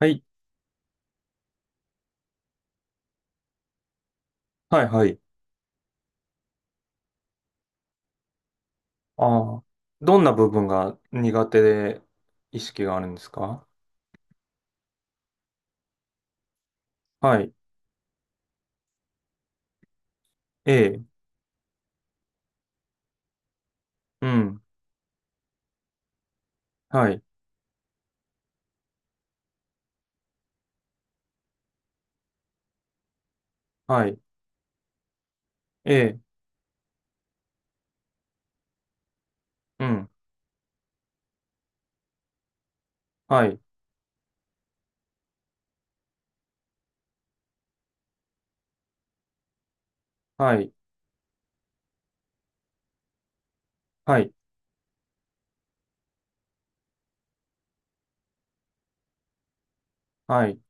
はい、はい、はい。ああ、どんな部分が苦手で意識があるんですか？はい、ええ、うん、はい、はい、ええ、うん、はい、はい、はい、はい、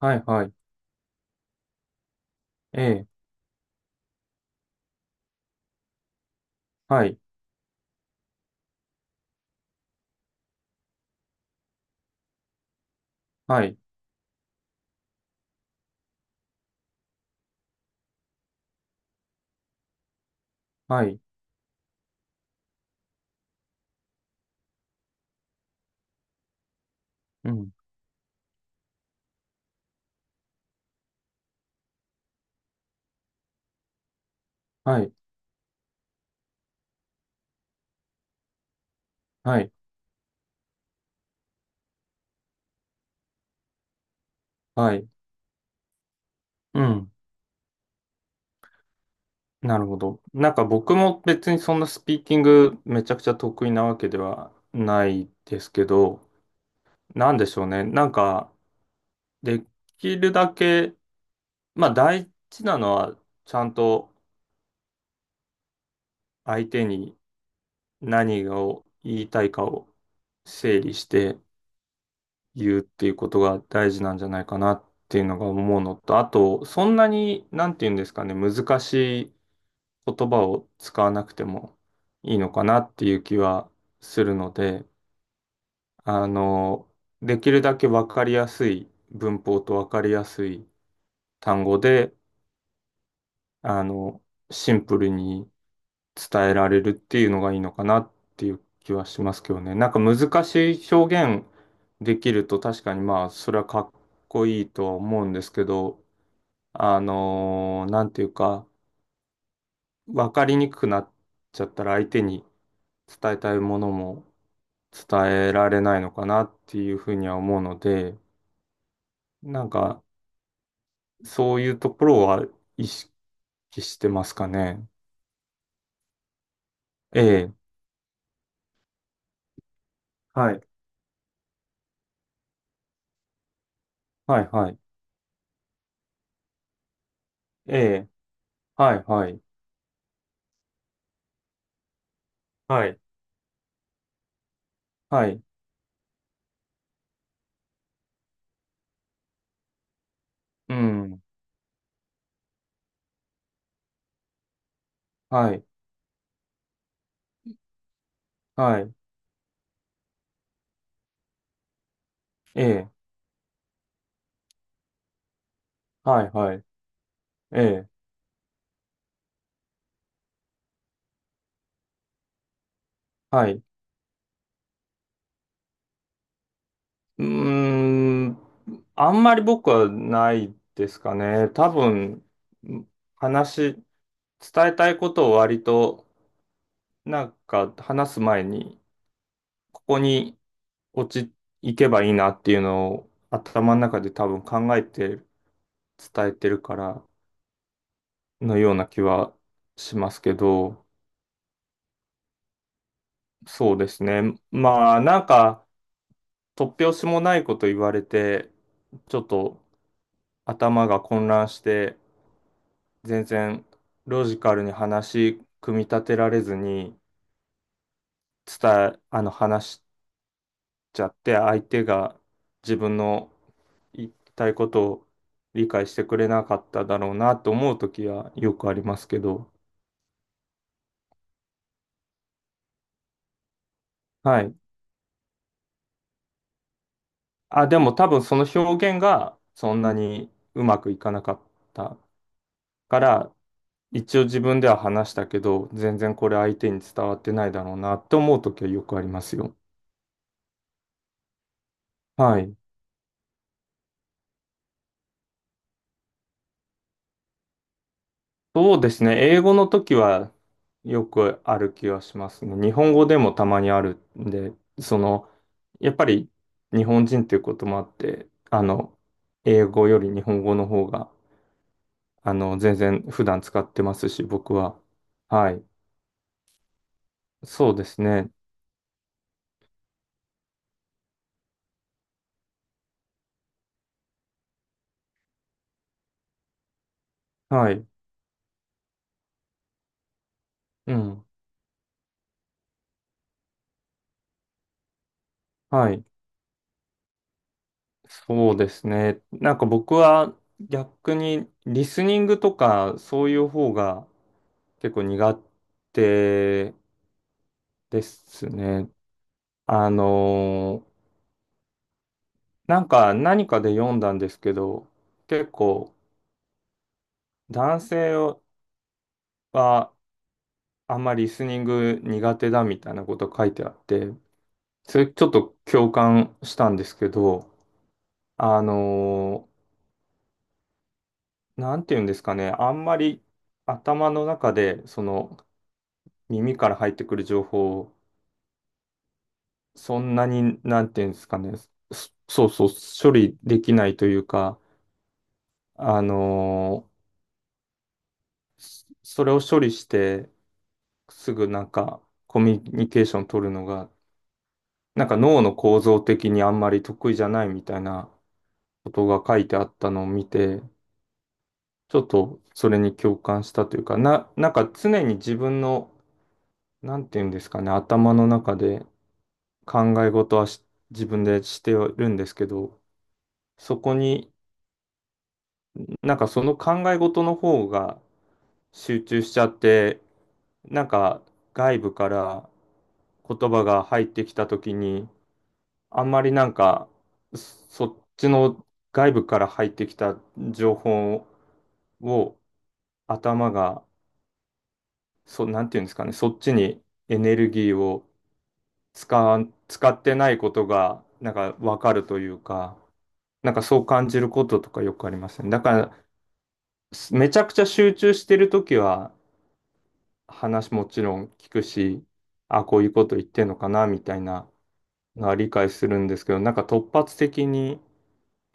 はい、はい、ええ、はい、はい、はい、うん、はい、はい、はい、うん。なるほど。僕も別にそんなスピーキングめちゃくちゃ得意なわけではないですけど、なんでしょうね。できるだけ、まあ大事なのは、ちゃんと相手に何を言いたいかを整理して言うっていうことが大事なんじゃないかなっていうのが思うのと、あと、そんなに、なんていうんですかね、難しい言葉を使わなくてもいいのかなっていう気はするので、あの、できるだけわかりやすい文法とわかりやすい単語で、あの、シンプルに伝えられるっていうのがいいのかなっていう気はしますけどね。なんか難しい表現できると確かにまあそれはかっこいいとは思うんですけど、なんていうか分かりにくくなっちゃったら相手に伝えたいものも伝えられないのかなっていうふうには思うので、なんかそういうところは意識してますかね。ええ、はい、はい、はい、ええ、はい、はい、はい、はい、うん。はい、はい、ええ、はい、はい、ええ、はい。うーん、あんまり僕はないですかね。多分、話、伝えたいことを割と、なんか話す前に、ここに落ち、いけばいいなっていうのを頭の中で多分考えて伝えてるからのような気はしますけど、そうですね。まあ、なんか、突拍子もないこと言われて、ちょっと、頭が混乱して全然ロジカルに話組み立てられずに伝え、あの話しちゃって相手が自分の言いたいことを理解してくれなかっただろうなと思う時はよくありますけど、はい。あ、でも多分その表現がそんなにうまくいかなかったから、一応自分では話したけど、全然これ相手に伝わってないだろうなって思う時はよくありますよ。はい。そうですね。英語の時はよくある気がしますね。日本語でもたまにあるんで、その、やっぱり日本人っていうこともあって、英語より日本語の方が、全然普段使ってますし、僕は。はい。そうですね。はい。うん。はい。そうですね。僕は逆にリスニングとかそういう方が結構苦手ですね。あのーなんか何かで読んだんですけど、結構男性はあんまりリスニング苦手だみたいなこと書いてあって、それちょっと共感したんですけど、あのなんて言うんですかね、あんまり頭の中でその耳から入ってくる情報をそんなに、なんて言うんですかね、そう、処理できないというか、あのーそそれを処理して、すぐなんかコミュニケーション取るのが、なんか脳の構造的にあんまり得意じゃないみたいなことが書いてあったのを見て、ちょっとそれに共感したというか、な、なんか常に自分の、なんていうんですかね、頭の中で考え事はし自分でしてるんですけど、そこになんかその考え事の方が集中しちゃって、なんか外部から言葉が入ってきた時に、あんまりなんか、そっちの外部から入ってきた情報を頭が、そ、なんていうんですかね、そっちにエネルギーを使ってないことが、なんかわかるというか、なんかそう感じることとかよくありますね。だから、すめちゃくちゃ集中してるときは、話もちろん聞くし、あ、こういうこと言ってんのかな、みたいなのは理解するんですけど、なんか突発的に、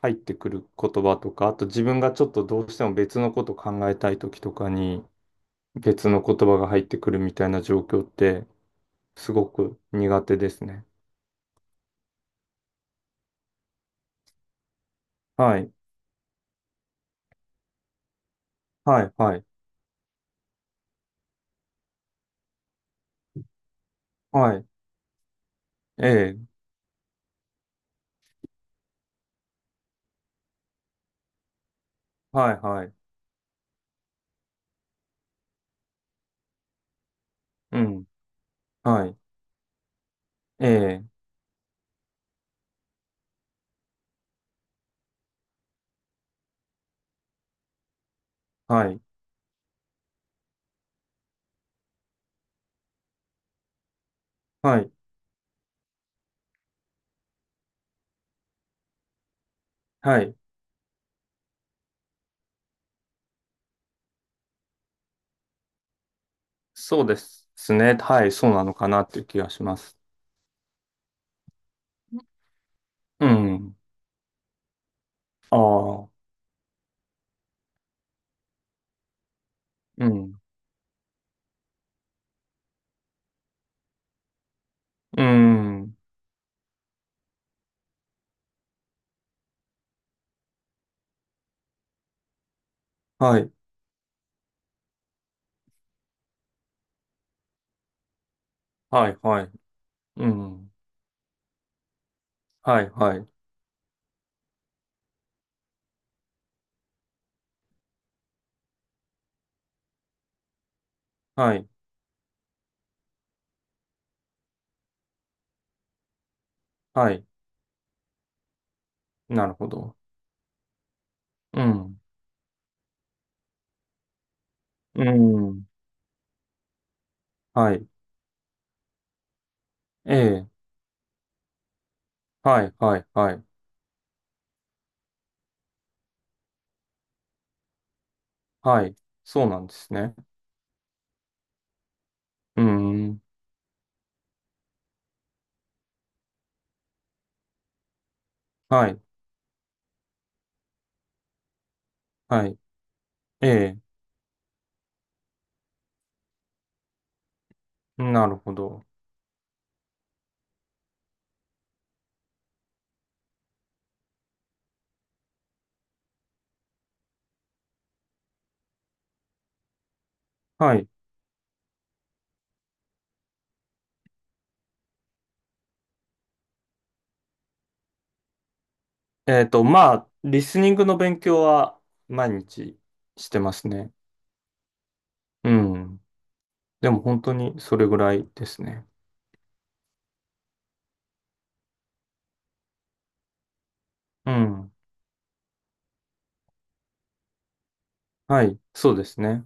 入ってくる言葉とか、あと自分がちょっとどうしても別のこと考えたい時とかに別の言葉が入ってくるみたいな状況ってすごく苦手ですね。はい。はい。はい。はい。ええ。はい。はい。うん。はい。ええ。はい。はい。はい。そうですね。はい。そうなのかなっていう気がします。うん。ああ。うん。うん。はい。はい。はい。うん。はい。はい。はい。はい。なるほど。うん。うん。はい。ええ。はい、はい、はい。はい。そうなんですね。うん。はい。はい。ええ。なるほど。はい。えっと、まあ、リスニングの勉強は毎日してますね。うん。でも本当にそれぐらいですね。うん。はい。そうですね。